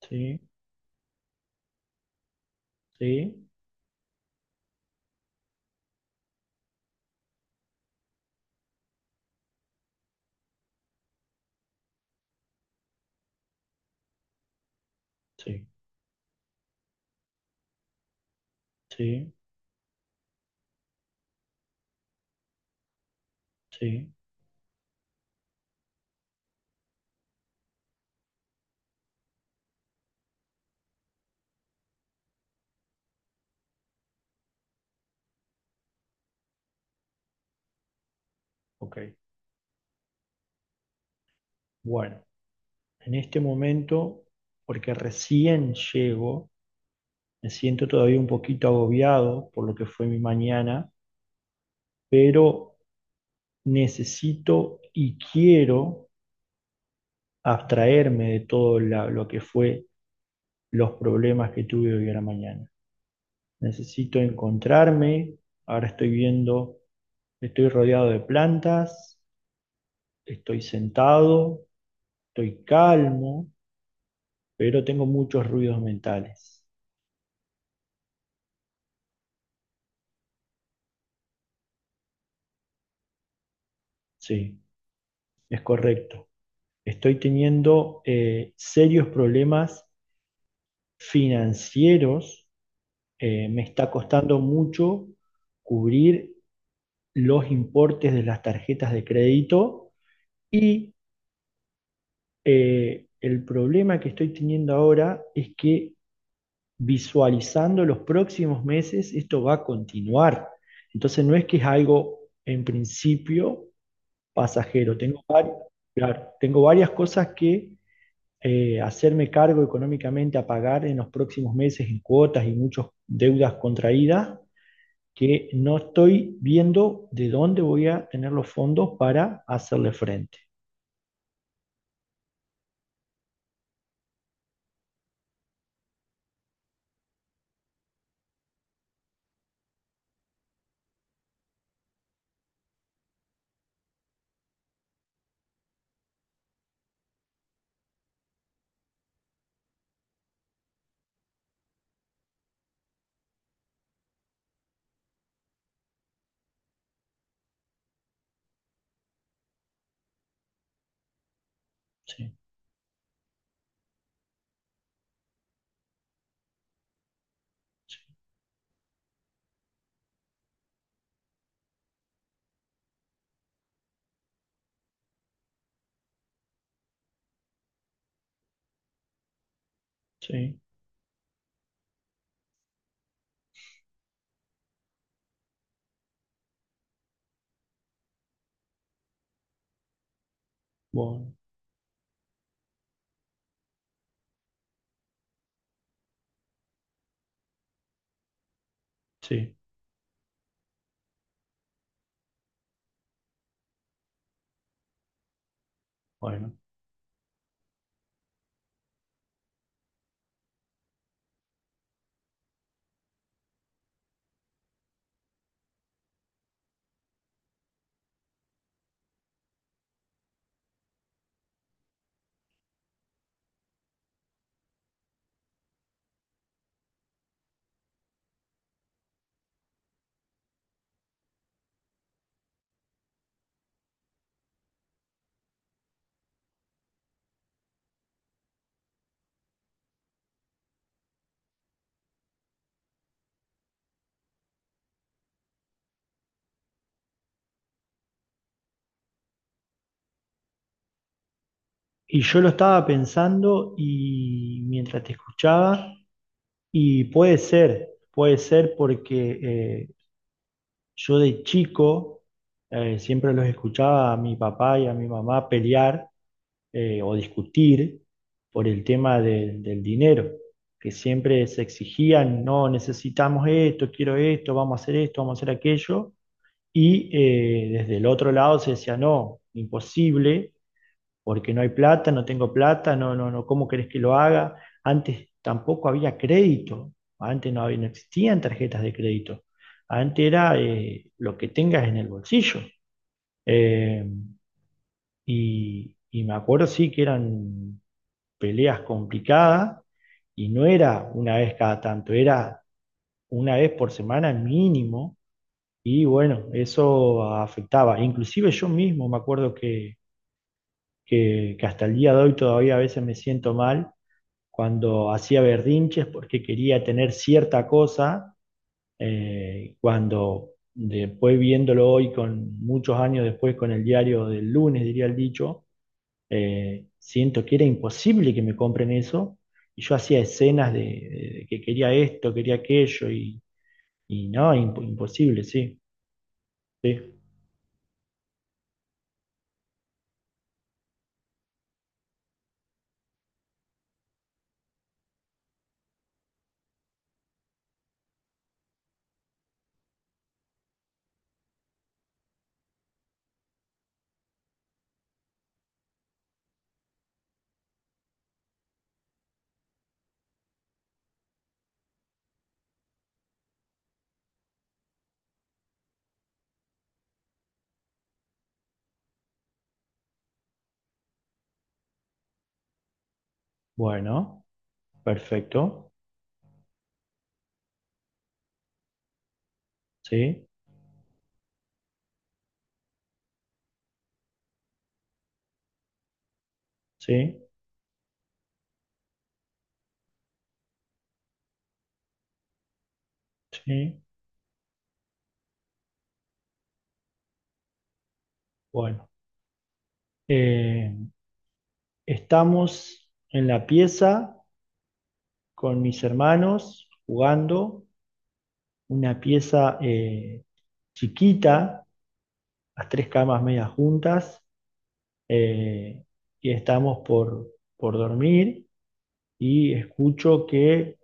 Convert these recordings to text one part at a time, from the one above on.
Sí, sí, sí, sí, sí, ok. Bueno, en este momento, porque recién llego, me siento todavía un poquito agobiado por lo que fue mi mañana, pero necesito y quiero abstraerme de todo lo que fue los problemas que tuve hoy a la mañana. Necesito encontrarme, ahora estoy viendo, estoy rodeado de plantas, estoy sentado, estoy calmo pero tengo muchos ruidos mentales. Sí, es correcto. Estoy teniendo serios problemas financieros. Me está costando mucho cubrir los importes de las tarjetas de crédito y el problema que estoy teniendo ahora es que visualizando los próximos meses esto va a continuar. Entonces no es que es algo en principio pasajero. Tengo, claro, tengo varias cosas que hacerme cargo económicamente a pagar en los próximos meses en cuotas y muchas deudas contraídas que no estoy viendo de dónde voy a tener los fondos para hacerle frente. Sí, sí, sí, bueno, sí, bueno. Y yo lo estaba pensando y mientras te escuchaba, y puede ser porque yo de chico siempre los escuchaba a mi papá y a mi mamá pelear, o discutir por el tema del dinero, que siempre se exigían, no necesitamos esto, quiero esto, vamos a hacer esto, vamos a hacer aquello, y desde el otro lado se decía, no, imposible, porque no hay plata, no tengo plata, no, no, no, ¿cómo querés que lo haga? Antes tampoco había crédito, antes no, no existían tarjetas de crédito, antes era lo que tengas en el bolsillo. Eh, y me acuerdo sí que eran peleas complicadas y no era una vez cada tanto, era una vez por semana mínimo y bueno, eso afectaba. Inclusive yo mismo me acuerdo que, que hasta el día de hoy todavía a veces me siento mal cuando hacía berrinches porque quería tener cierta cosa, cuando después viéndolo hoy con muchos años después con el diario del lunes, diría el dicho, siento que era imposible que me compren eso. Y yo hacía escenas de que quería esto, quería aquello, y no, imposible, sí, sí. Bueno, perfecto, sí, sí, sí, bueno. Eh, estamos en la pieza con mis hermanos jugando, una pieza chiquita, las tres camas medias juntas, eh, y estamos por dormir y escucho que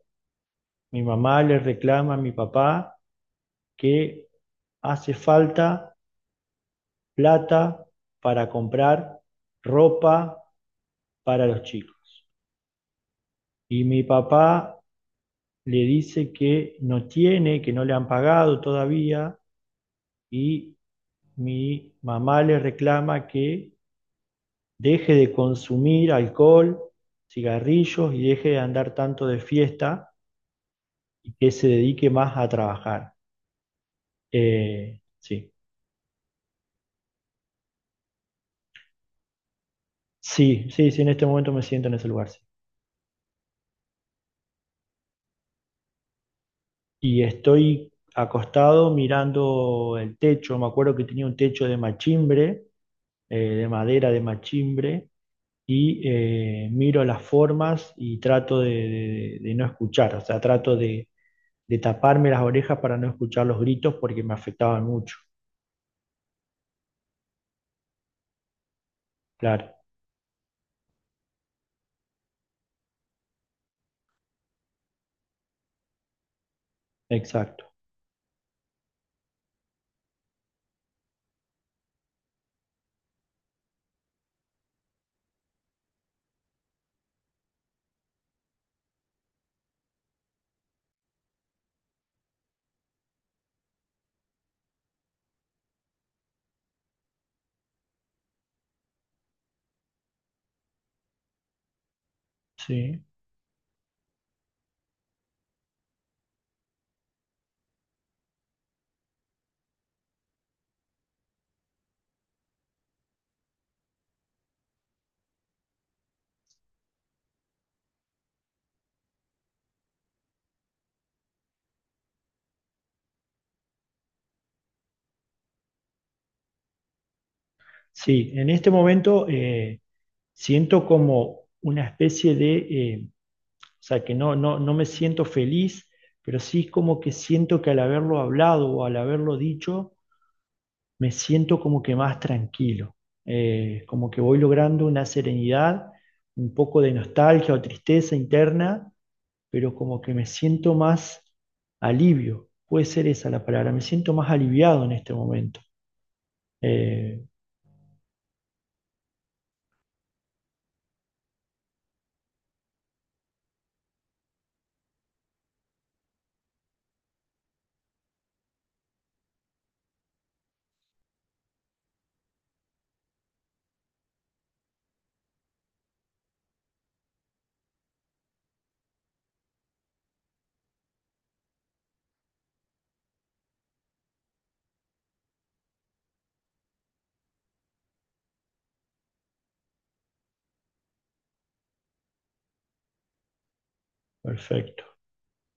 mi mamá le reclama a mi papá que hace falta plata para comprar ropa para los chicos. Y mi papá le dice que no tiene, que no le han pagado todavía y mi mamá le reclama que deje de consumir alcohol, cigarrillos y deje de andar tanto de fiesta y que se dedique más a trabajar. Sí, sí, sí, sí, en este momento me siento en ese lugar. Sí. Y estoy acostado mirando el techo, me acuerdo que tenía un techo de machimbre, de madera de machimbre, y miro las formas y trato de, de no escuchar, o sea, trato de taparme las orejas para no escuchar los gritos porque me afectaban mucho. Claro, exacto. Sí, sí, en este momento siento como una especie de, o sea, que no, no, no me siento feliz, pero sí es como que siento que al haberlo hablado o al haberlo dicho, me siento como que más tranquilo, como que voy logrando una serenidad, un poco de nostalgia o tristeza interna, pero como que me siento más alivio, puede ser esa la palabra, me siento más aliviado en este momento. Eh, perfecto.